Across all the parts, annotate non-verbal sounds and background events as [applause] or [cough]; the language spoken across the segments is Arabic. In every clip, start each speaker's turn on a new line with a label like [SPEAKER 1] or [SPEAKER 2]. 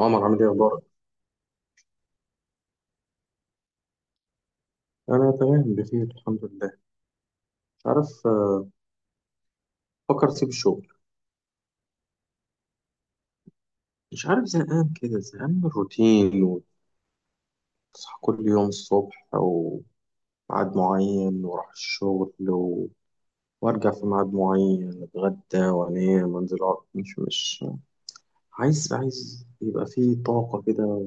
[SPEAKER 1] عمر، عامل ايه؟ اخبارك؟ انا تمام بخير، الحمد لله. مش عارف، فكر اسيب الشغل. مش عارف، زهقان كده، زهقان من الروتين. وتصحى كل يوم الصبح وميعاد معين، واروح الشغل و... وارجع في ميعاد معين، اتغدى وانام وانزل اقعد. مش عايز يبقى فيه طاقة كده.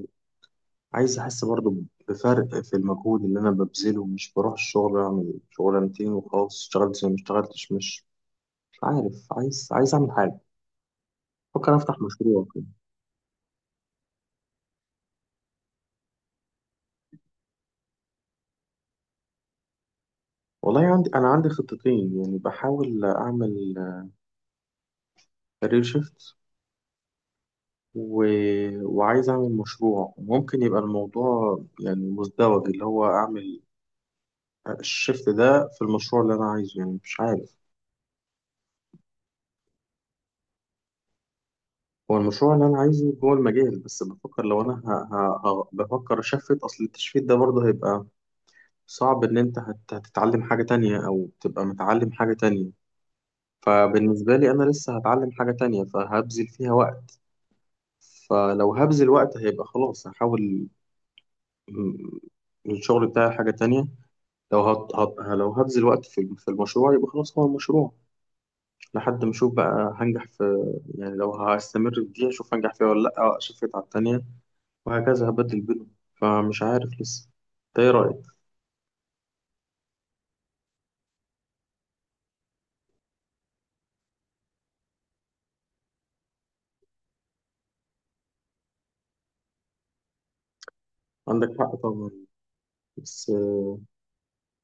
[SPEAKER 1] عايز احس برضو بفرق في المجهود اللي انا ببذله، مش بروح الشغل اعمل شغلانتين وخلاص، اشتغلت زي ما اشتغلتش. مش عارف، عايز اعمل حاجة. بفكر افتح مشروع كده. والله عندي خطتين، يعني بحاول أعمل كارير شيفت، و... وعايز أعمل مشروع. وممكن يبقى الموضوع يعني مزدوج، اللي هو أعمل الشيفت ده في المشروع اللي أنا عايزه، يعني مش عارف. هو المشروع اللي أنا عايزه جوه المجال، بس بفكر لو أنا بفكر أشفت. أصل التشفيت ده برضه هيبقى صعب، إن أنت هتتعلم حاجة تانية أو تبقى متعلم حاجة تانية. فبالنسبة لي أنا لسه هتعلم حاجة تانية، فهبذل فيها وقت. فلو هبذل وقت هيبقى خلاص، هحاول م- الشغل بتاعي حاجة تانية. لو لو هبذل وقت في المشروع، يبقى خلاص هو المشروع لحد ما أشوف بقى هنجح في. يعني لو هستمر في دي أشوف هنجح فيها ولا لأ، أشفت على التانية، وهكذا هبدل بينهم. فمش عارف لسه. أنت إيه رأيك؟ عندك حق طبعا، بس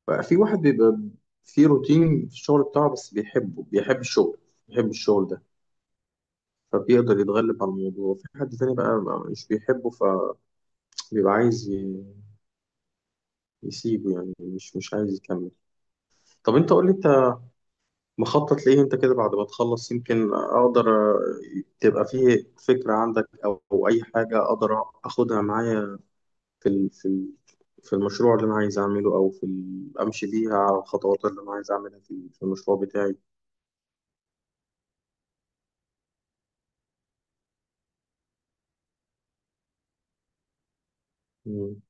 [SPEAKER 1] بقى في واحد بيبقى في روتين في الشغل بتاعه بس بيحبه، بيحب الشغل، بيحب الشغل ده، فبيقدر يتغلب على الموضوع. في حد تاني بقى مش بيحبه، ف بيبقى عايز يسيبه، يعني مش عايز يكمل. طب انت قول لي انت مخطط ليه انت كده بعد ما تخلص، يمكن اقدر، تبقى فيه فكرة عندك، او اي حاجة اقدر اخدها معايا في المشروع اللي انا عايز اعمله، او امشي بيها على الخطوات اللي انا عايز اعملها في المشروع بتاعي. مم،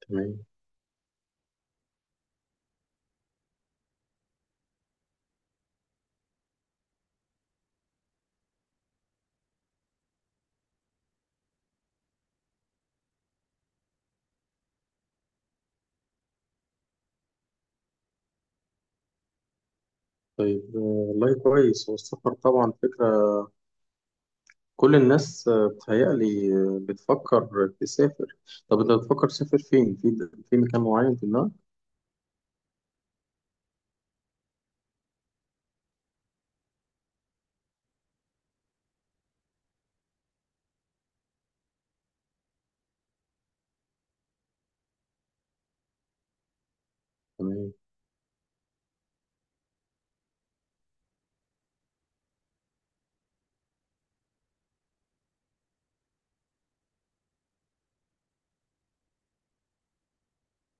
[SPEAKER 1] تمام. طيب، والله كويس، هو السفر طبعا فكرة. كل الناس بتهيألي بتفكر تسافر. طب انت بتفكر تسافر فين؟ في مكان معين في دماغك؟ تمام.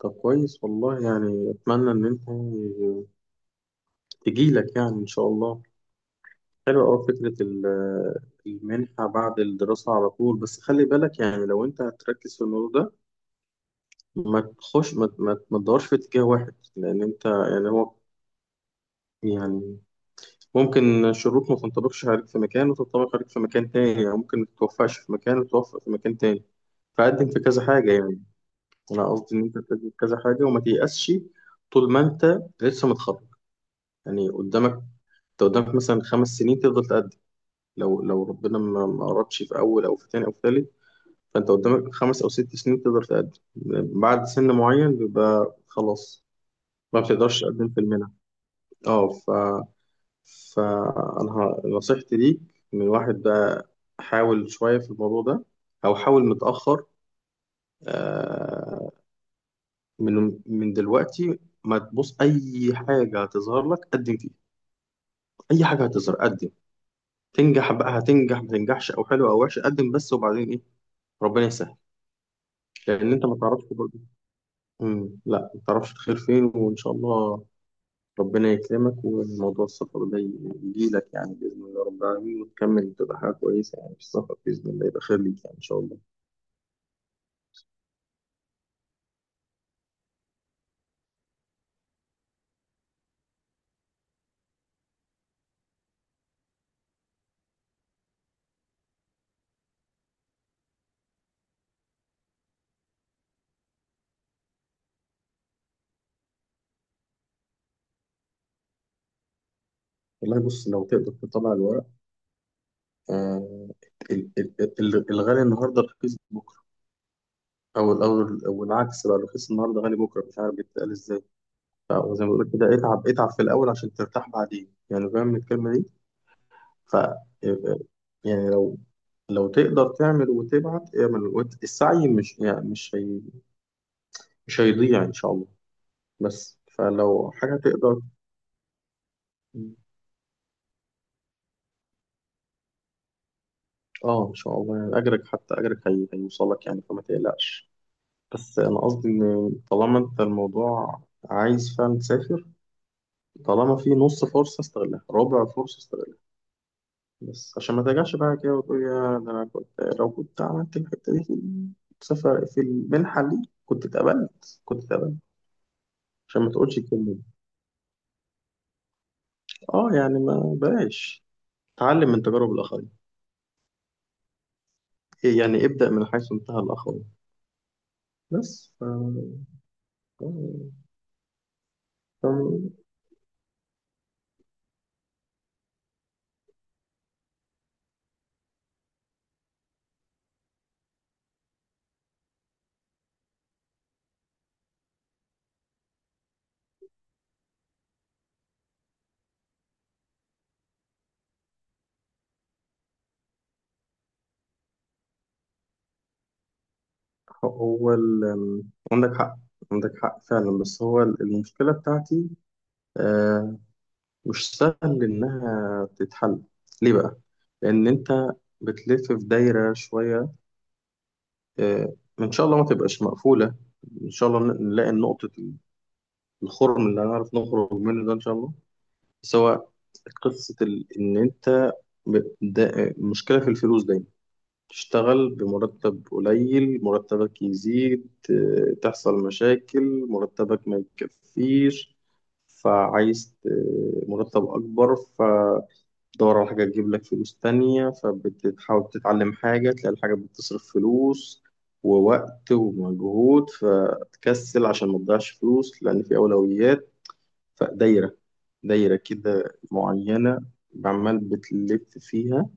[SPEAKER 1] طب كويس والله، يعني اتمنى ان انت تجيلك، يعني ان شاء الله. حلوة أوي فكرة المنحة بعد الدراسة على طول. بس خلي بالك، يعني لو أنت هتركز في الموضوع ده، ما تخش، ما تدورش في اتجاه واحد، لأن أنت يعني هو يعني ممكن الشروط ما تنطبقش عليك في مكان وتنطبق عليك في مكان تاني، أو ممكن ما تتوفقش في مكان وتتوفق في مكان تاني. فقدم في كذا حاجة يعني. أنا قصدي إن أنت تقدم في كذا حاجة وما تيأسش. طول ما أنت لسه متخرج، يعني قدامك، أنت قدامك مثلا 5 سنين تفضل تقدم. لو ربنا ما أردش في أول أو في تاني أو في تالت، فأنت قدامك 5 أو 6 سنين تقدر تقدم. بعد سن معين بيبقى خلاص ما بتقدرش تقدم في المنح. اه. فأنا نصيحتي ليك من واحد بقى، حاول شوية في الموضوع ده، أو حاول متأخر، آه، من من دلوقتي ما تبص أي حاجة هتظهر لك قدم فيها. أي حاجة هتظهر قدم. تنجح بقى هتنجح، ما تنجحش أو حلو أو وحش، قدم بس وبعدين إيه، ربنا يسهل. لأن أنت ما تعرفش برضه، لا، ما تعرفش الخير فين، وإن شاء الله ربنا يكرمك. وموضوع السفر ده يجيلك، يعني بإذن الله رب العالمين، وتكمل تبقى حاجة كويسة يعني في السفر، بإذن الله يبقى خير ليك يعني إن شاء الله. والله بص، لو تقدر تطلع الورق. آه، ال- ال- الغالي النهاردة رخيص بكرة، أو الأول، أو العكس بقى، رخيص النهاردة غالي بكرة، مش عارف بيتقال إزاي. وزي ما بقول كده، اتعب اتعب في الأول عشان ترتاح بعدين، يعني فاهم الكلمة دي. ف يعني لو تقدر تعمل وتبعت اعمل، السعي مش، يعني مش هي، مش هيضيع إن شاء الله. بس فلو حاجة تقدر. اه، ان شاء الله، يعني اجرك حتى اجرك هيوصلك يعني، فما تقلقش. بس انا قصدي ان طالما انت الموضوع عايز فعلا تسافر، طالما في نص فرصة استغلها، ربع فرصة استغلها، بس عشان ما ترجعش بقى كده وتقول يا ده انا كنت، لو كنت عملت الحتة دي في السفر في المنحة دي كنت اتقبلت، كنت اتقبلت. عشان ما تقولش الكلمة دي. اه، يعني ما بلاش، تعلم من تجارب الآخرين. إيه يعني، ابدأ من حيث انتهى الآخرين. بس توم توم. هو ال... عندك حق، عندك حق فعلا. بس هو المشكلة بتاعتي، آه، مش سهل إنها تتحل. ليه بقى؟ لأن أنت بتلف في دايرة شوية. إن شاء الله ما تبقاش مقفولة، إن شاء الله نلاقي نقطة الخرم اللي هنعرف نخرج منه ده، إن شاء الله. بس هو قصة إن أنت مشكلة في الفلوس دايما، تشتغل بمرتب قليل، مرتبك يزيد، تحصل مشاكل، مرتبك ما يكفيش، فعايز مرتب أكبر، فتدور على حاجة تجيب لك فلوس تانية، فبتحاول تتعلم حاجة، تلاقي الحاجة بتصرف فلوس ووقت ومجهود، فتكسل عشان ما تضيعش فلوس لأن في أولويات. فدايرة كده معينة عمال بتلف فيها،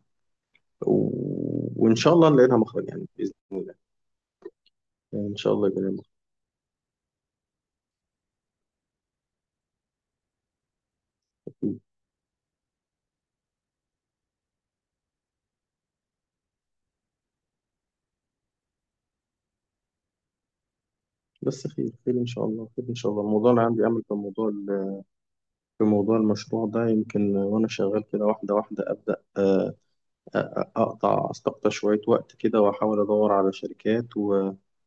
[SPEAKER 1] و... وإن شاء الله نلاقي لها مخرج، يعني بإذن الله، يعني إن شاء الله يبقى لها مخرج. بس خير خير إن شاء الله، خير إن شاء الله. الموضوع اللي عندي أمل في موضوع في موضوع المشروع ده، يمكن وأنا شغال كده واحدة واحدة أبدأ، أستقطع شوية وقت كده، وأحاول أدور على شركات، وأحاول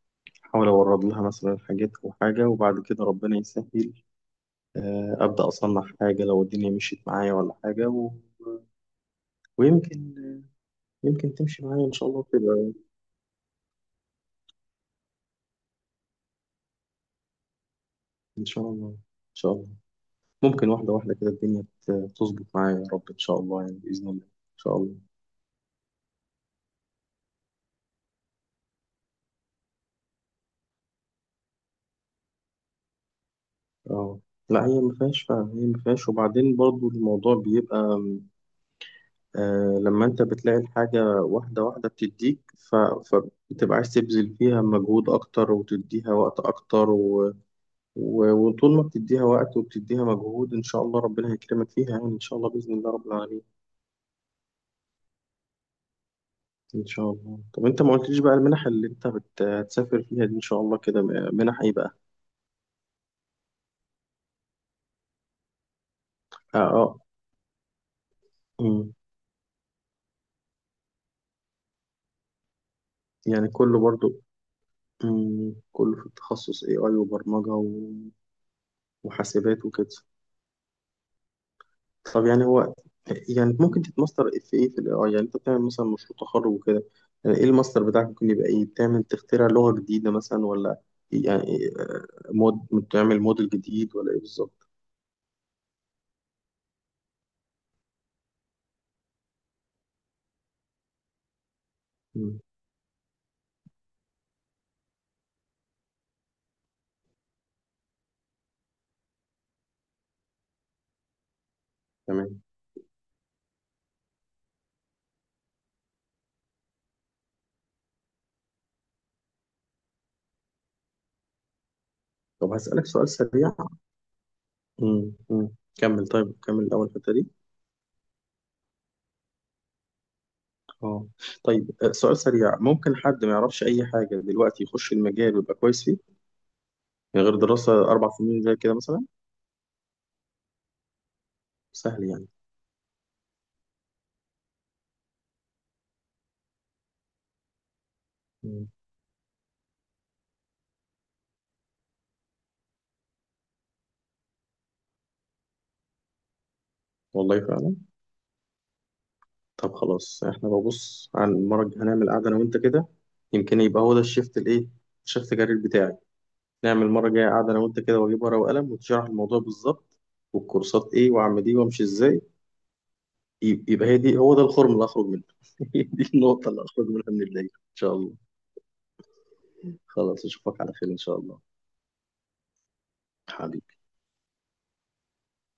[SPEAKER 1] أورد لها مثلا حاجات أو حاجة، وبعد كده ربنا يسهل، أبدأ أصنع حاجة لو الدنيا مشيت معايا ولا حاجة. و... ويمكن، يمكن تمشي معايا إن شاء الله تبقى، إن شاء الله، إن شاء الله. ممكن واحدة واحدة كده الدنيا تظبط معايا يا رب، إن شاء الله يعني بإذن الله إن شاء الله. أه، لا هي ما فيهاش فعلا، هي ما فيهاش. وبعدين برضو الموضوع بيبقى، لما أنت بتلاقي الحاجة واحدة واحدة بتديك، ف... فبتبقى عايز تبذل فيها مجهود أكتر، وتديها وقت أكتر، و... و... وطول ما بتديها وقت وبتديها مجهود، إن شاء الله ربنا هيكرمك فيها، يعني إن شاء الله بإذن الله رب العالمين. إن شاء الله. طب أنت ما قلتليش بقى المنح اللي أنت هتسافر فيها دي إن شاء الله كده منح إيه بقى؟ أه، أه، يعني كله برضو؟ مم، كله في التخصص AI وبرمجة وحاسبات وكده. طب يعني هو، يعني ممكن تتماستر في ايه؟ في ال AI يعني؟ انت بتعمل مثلا مشروع تخرج وكده، يعني ايه الماستر بتاعك ممكن يبقى ايه؟ بتعمل تخترع لغة جديدة مثلا، ولا يعني إيه؟ بتعمل موديل جديد ولا ايه بالظبط؟ مم، تمام. طب هسألك سؤال سريع. مم، مم. كمل، طيب كمل الأول الحتة دي. اه. طيب، سؤال سريع، ممكن حد ما يعرفش أي حاجة دلوقتي يخش المجال ويبقى كويس؟ يعني غير دراسة 4 سنين زي كده مثلا؟ سهل يعني. مم. والله فعلا. طب خلاص، احنا ببص عن المرة الجاية هنعمل قعدة أنا وأنت كده، يمكن يبقى هو ده الشيفت الإيه، الشيفت كارير بتاعي. نعمل المرة الجاية قعدة أنا وأنت كده، وأجيب ورقة وقلم وتشرح الموضوع بالظبط، والكورسات إيه، وأعمل إيه، وأمشي إزاي. يبقى هي دي، هو ده الخرم اللي هخرج منه [laughs] هي دي النقطة اللي هخرج منها من الليل إن شاء الله. خلاص، أشوفك على خير إن شاء الله. حبيبي.